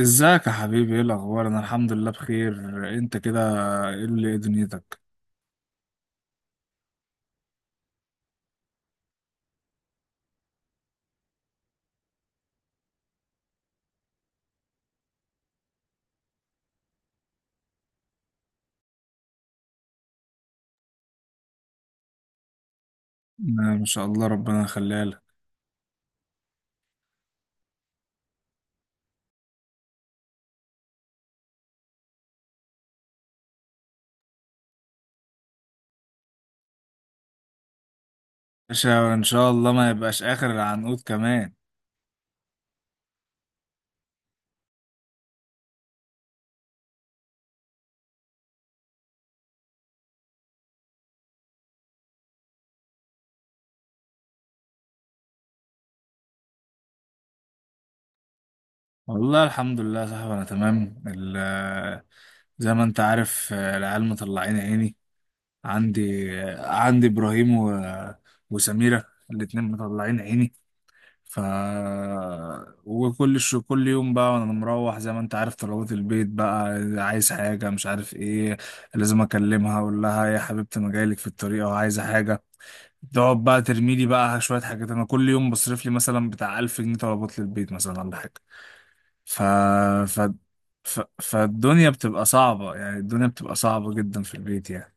ازيك يا حبيبي؟ ايه الاخبار؟ انا الحمد لله بخير. انت كده، ايه دنيتك؟ انا ما شاء الله، ربنا يخليها لك. باشا ان شاء الله ما يبقاش اخر العنقود كمان. والله الحمد لله يا صاحبي، انا تمام زي ما انت عارف. العيال مطلعين عيني. عندي ابراهيم و... وسميرة. الاتنين مطلعين عيني. ف وكل شو كل يوم بقى وانا مروح، زي ما انت عارف، طلبات البيت بقى. عايز حاجة مش عارف ايه، لازم اكلمها اقول لها: يا حبيبتي، انا جايلك في الطريق وعايزة حاجة. تقعد بقى ترمي لي بقى شوية حاجات. انا كل يوم بصرف لي مثلا بتاع 1000 جنيه طلبات للبيت مثلا ولا حاجة. ف... ف... فالدنيا بتبقى صعبة، يعني الدنيا بتبقى صعبة جدا في البيت يعني.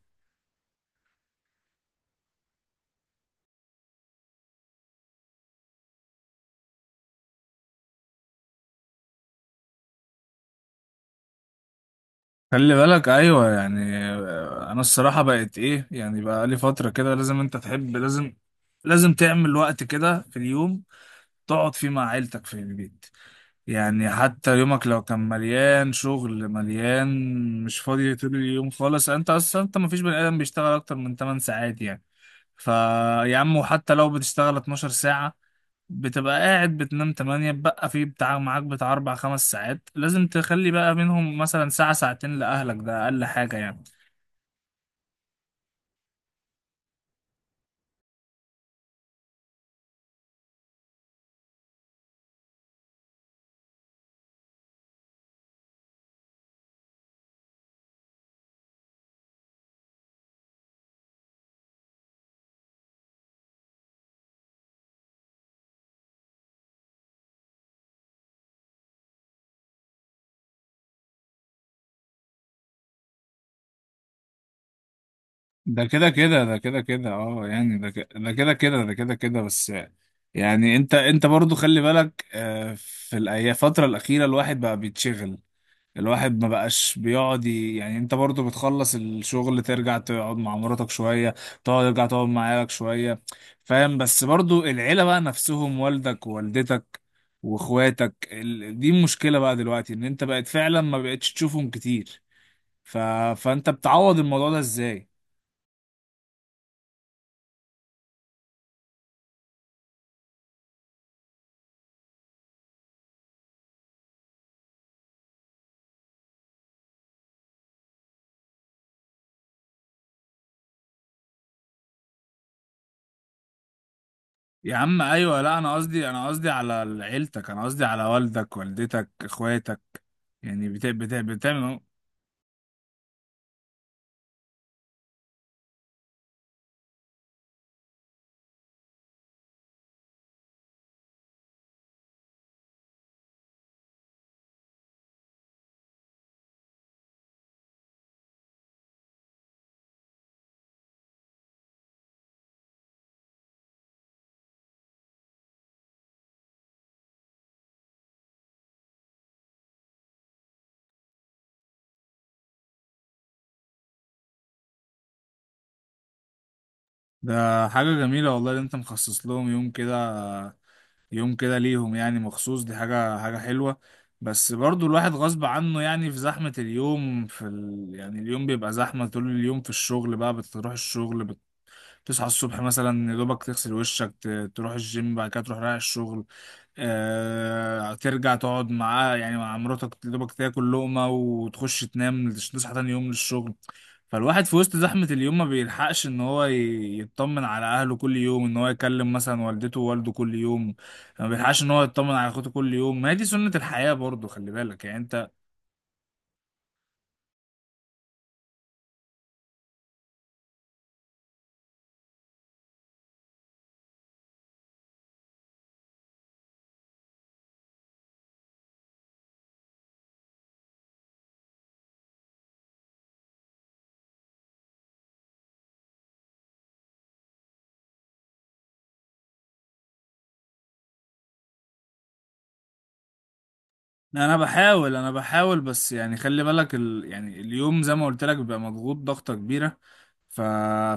خلي بالك، ايوه يعني انا الصراحه بقت ايه، يعني بقى لي فتره كده لازم انت تحب، لازم تعمل وقت كده في اليوم تقعد فيه مع عيلتك في البيت. يعني حتى يومك لو كان مليان شغل، مليان، مش فاضي طول اليوم خالص. انت اصلا انت مفيش بني ادم بيشتغل اكتر من 8 ساعات يعني. فيا عم، وحتى لو بتشتغل 12 ساعة، بتبقى قاعد بتنام 8، بقى في بتاع معاك بتاع 4 5 ساعات لازم تخلي بقى منهم مثلا ساعة ساعتين لأهلك. ده أقل حاجة يعني. ده كده كده، ده كده كده. اه يعني ده كده كده، ده كده كده، بس. يعني انت برضو خلي بالك، في الفترة الأخيرة الواحد بقى بيتشغل. الواحد ما بقاش بيقعد. يعني انت برضو بتخلص الشغل ترجع تقعد مع مراتك شوية. ترجع تقعد مع عيالك شوية. فاهم؟ بس برضو العيلة بقى نفسهم والدك ووالدتك واخواتك دي المشكلة بقى دلوقتي، ان انت بقت فعلا ما بقتش تشوفهم كتير. ف... فانت بتعوض الموضوع ده ازاي؟ يا عم ايوه، لا، انا قصدي على عيلتك، انا قصدي على والدك والدتك اخواتك. يعني بتا بتا بتعمل. ده حاجه جميله والله اللي انت مخصص لهم يوم كده، يوم كده ليهم يعني مخصوص. دي حاجه حلوه. بس برضو الواحد غصب عنه، يعني في زحمه اليوم، يعني اليوم بيبقى زحمه طول اليوم في الشغل بقى. بتروح الشغل، تصحى الصبح مثلا، يا دوبك تغسل وشك، تروح الجيم، بعد كده تروح رايح الشغل. ترجع تقعد معاه يعني مع مراتك، يا دوبك تاكل لقمة وتخش تنام، تصحى تاني يوم للشغل. فالواحد في وسط زحمة اليوم ما بيلحقش ان هو يطمن على اهله كل يوم، ان هو يكلم مثلا والدته ووالده كل يوم. ما بيلحقش ان هو يطمن على اخوته كل يوم. ما هي دي سنة الحياة برضو، خلي بالك يعني انت. انا بحاول، بس يعني خلي بالك يعني اليوم زي ما قلت لك بيبقى مضغوط ضغطة كبيرة. ف...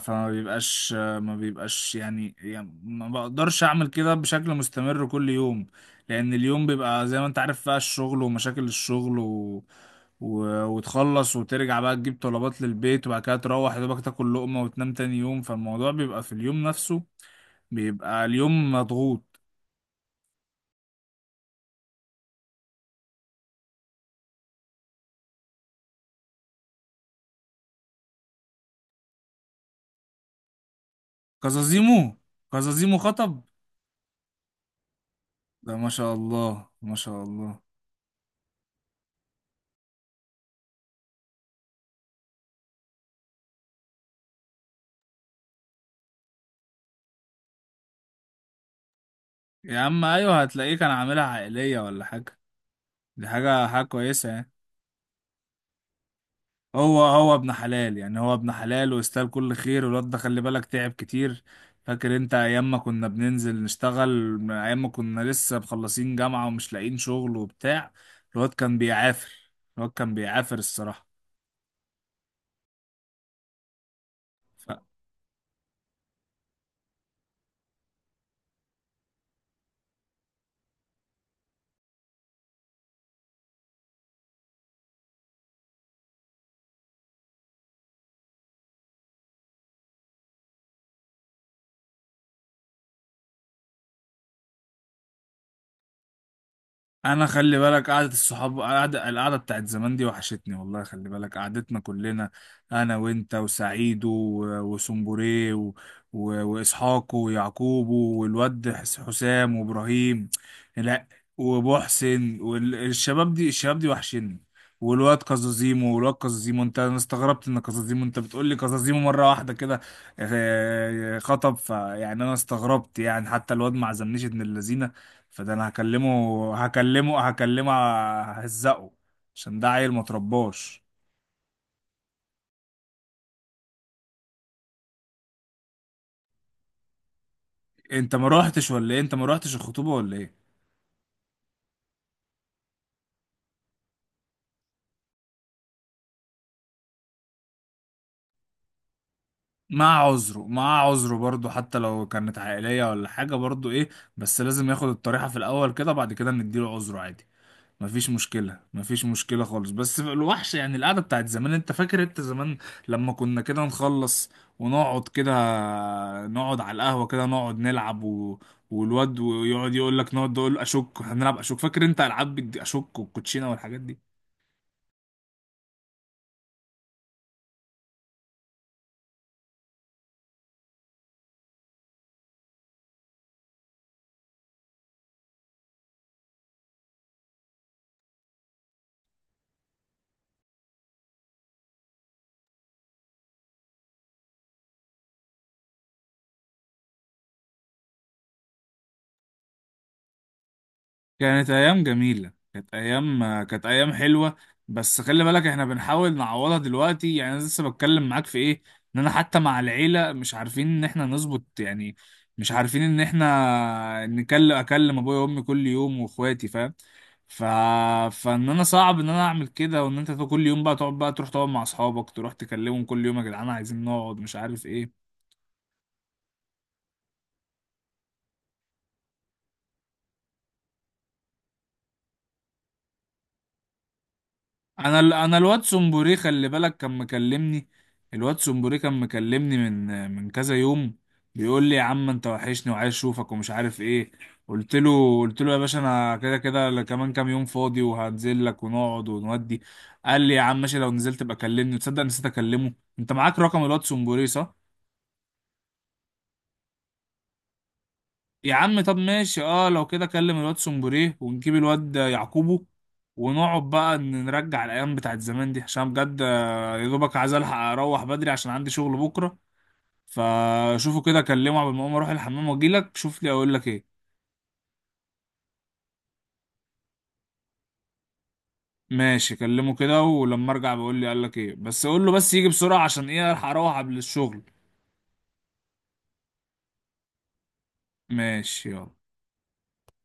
فما بيبقاش ما بيبقاش يعني ما بقدرش اعمل كده بشكل مستمر كل يوم. لان اليوم بيبقى زي ما انت عارف بقى الشغل ومشاكل الشغل و... و... وتخلص وترجع بقى تجيب طلبات للبيت وبعد كده تروح يا دوبك تاكل لقمة وتنام تاني يوم. فالموضوع بيبقى في اليوم نفسه، بيبقى اليوم مضغوط. كزازيمو كزازيمو خطب؟ ده ما شاء الله، ما شاء الله. يا عم ايوه، هتلاقيه كان عاملها عائلية ولا حاجة. دي حاجة كويسة يعني. هو ابن حلال يعني، هو ابن حلال واستاهل كل خير. والواد ده خلي بالك تعب كتير. فاكر انت ايام ما كنا بننزل نشتغل، من ايام ما كنا لسه مخلصين جامعة ومش لاقيين شغل وبتاع؟ الواد كان بيعافر. الواد كان بيعافر الصراحة. انا خلي بالك قعده الصحاب القعده بتاعت زمان دي وحشتني والله. خلي بالك قعدتنا كلنا، انا وانت وسعيد وسنبوري و... و... واسحاق ويعقوب والواد حسام وابراهيم. لا، ومحسن والشباب دي، الشباب دي وحشني. والواد كازازيمو، انت انا استغربت ان كازازيمو، انت بتقول لي كازازيمو مره واحده كده خطب. فيعني انا استغربت يعني حتى الواد ما عزمنيش ابن اللذينه. فده انا هكلمه هكلمه هكلمه ههزقه عشان ده عيل ما ترباش. انت ما روحتش الخطوبه ولا ايه؟ مع عذره برضه، حتى لو كانت عائليه ولا حاجه برضه ايه. بس لازم ياخد الطريحه في الاول كده، بعد كده نديله عذره عادي. مفيش مشكلة خالص. بس الوحش يعني القعدة بتاعت زمان، انت فاكر انت زمان لما كنا كده نخلص ونقعد كده، نقعد على القهوة كده نقعد نلعب و... والواد ويقعد يقول لك نقعد نقول اشك هنلعب اشك، فاكر انت العاب اشك والكوتشينة والحاجات دي؟ كانت ايام جميله، كانت ايام حلوه. بس خلي بالك احنا بنحاول نعوضها دلوقتي، يعني انا لسه بتكلم معاك في ايه؟ ان انا حتى مع العيله مش عارفين ان احنا نظبط يعني. مش عارفين ان احنا اكلم ابويا وامي كل يوم واخواتي، فاهم؟ ف... فان انا صعب ان انا اعمل كده، وان انت كل يوم بقى تقعد بقى تروح تقعد مع اصحابك تروح تكلمهم كل يوم: يا جدعان عايزين نقعد، مش عارف ايه. انا الواد سمبوري خلي بالك كان مكلمني. الواد سمبوري كان مكلمني من كذا يوم. بيقول لي: يا عم انت وحشني وعايز اشوفك ومش عارف ايه. قلت له: يا باشا انا كده كده كمان كام يوم فاضي وهنزل لك ونقعد ونودي. قال لي: يا عم ماشي، لو نزلت ابقى كلمني. تصدق نسيت اكلمه؟ انت معاك رقم الواد سمبوري، صح؟ يا عم طب ماشي، اه لو كده كلم الواد سومبوريه ونجيب الواد يعقوبو، ونقعد بقى نرجع الايام بتاعت زمان دي عشان بجد. يا دوبك عايز الحق اروح بدري عشان عندي شغل بكره. فشوفه كده كلمه قبل ما اقوم اروح الحمام واجيلك شوف لي اقول لك ايه. ماشي كلمه كده، ولما ارجع بقول لي قال لك ايه، بس قول له بس يجي بسرعه عشان ايه الحق اروح قبل الشغل. ماشي يلا.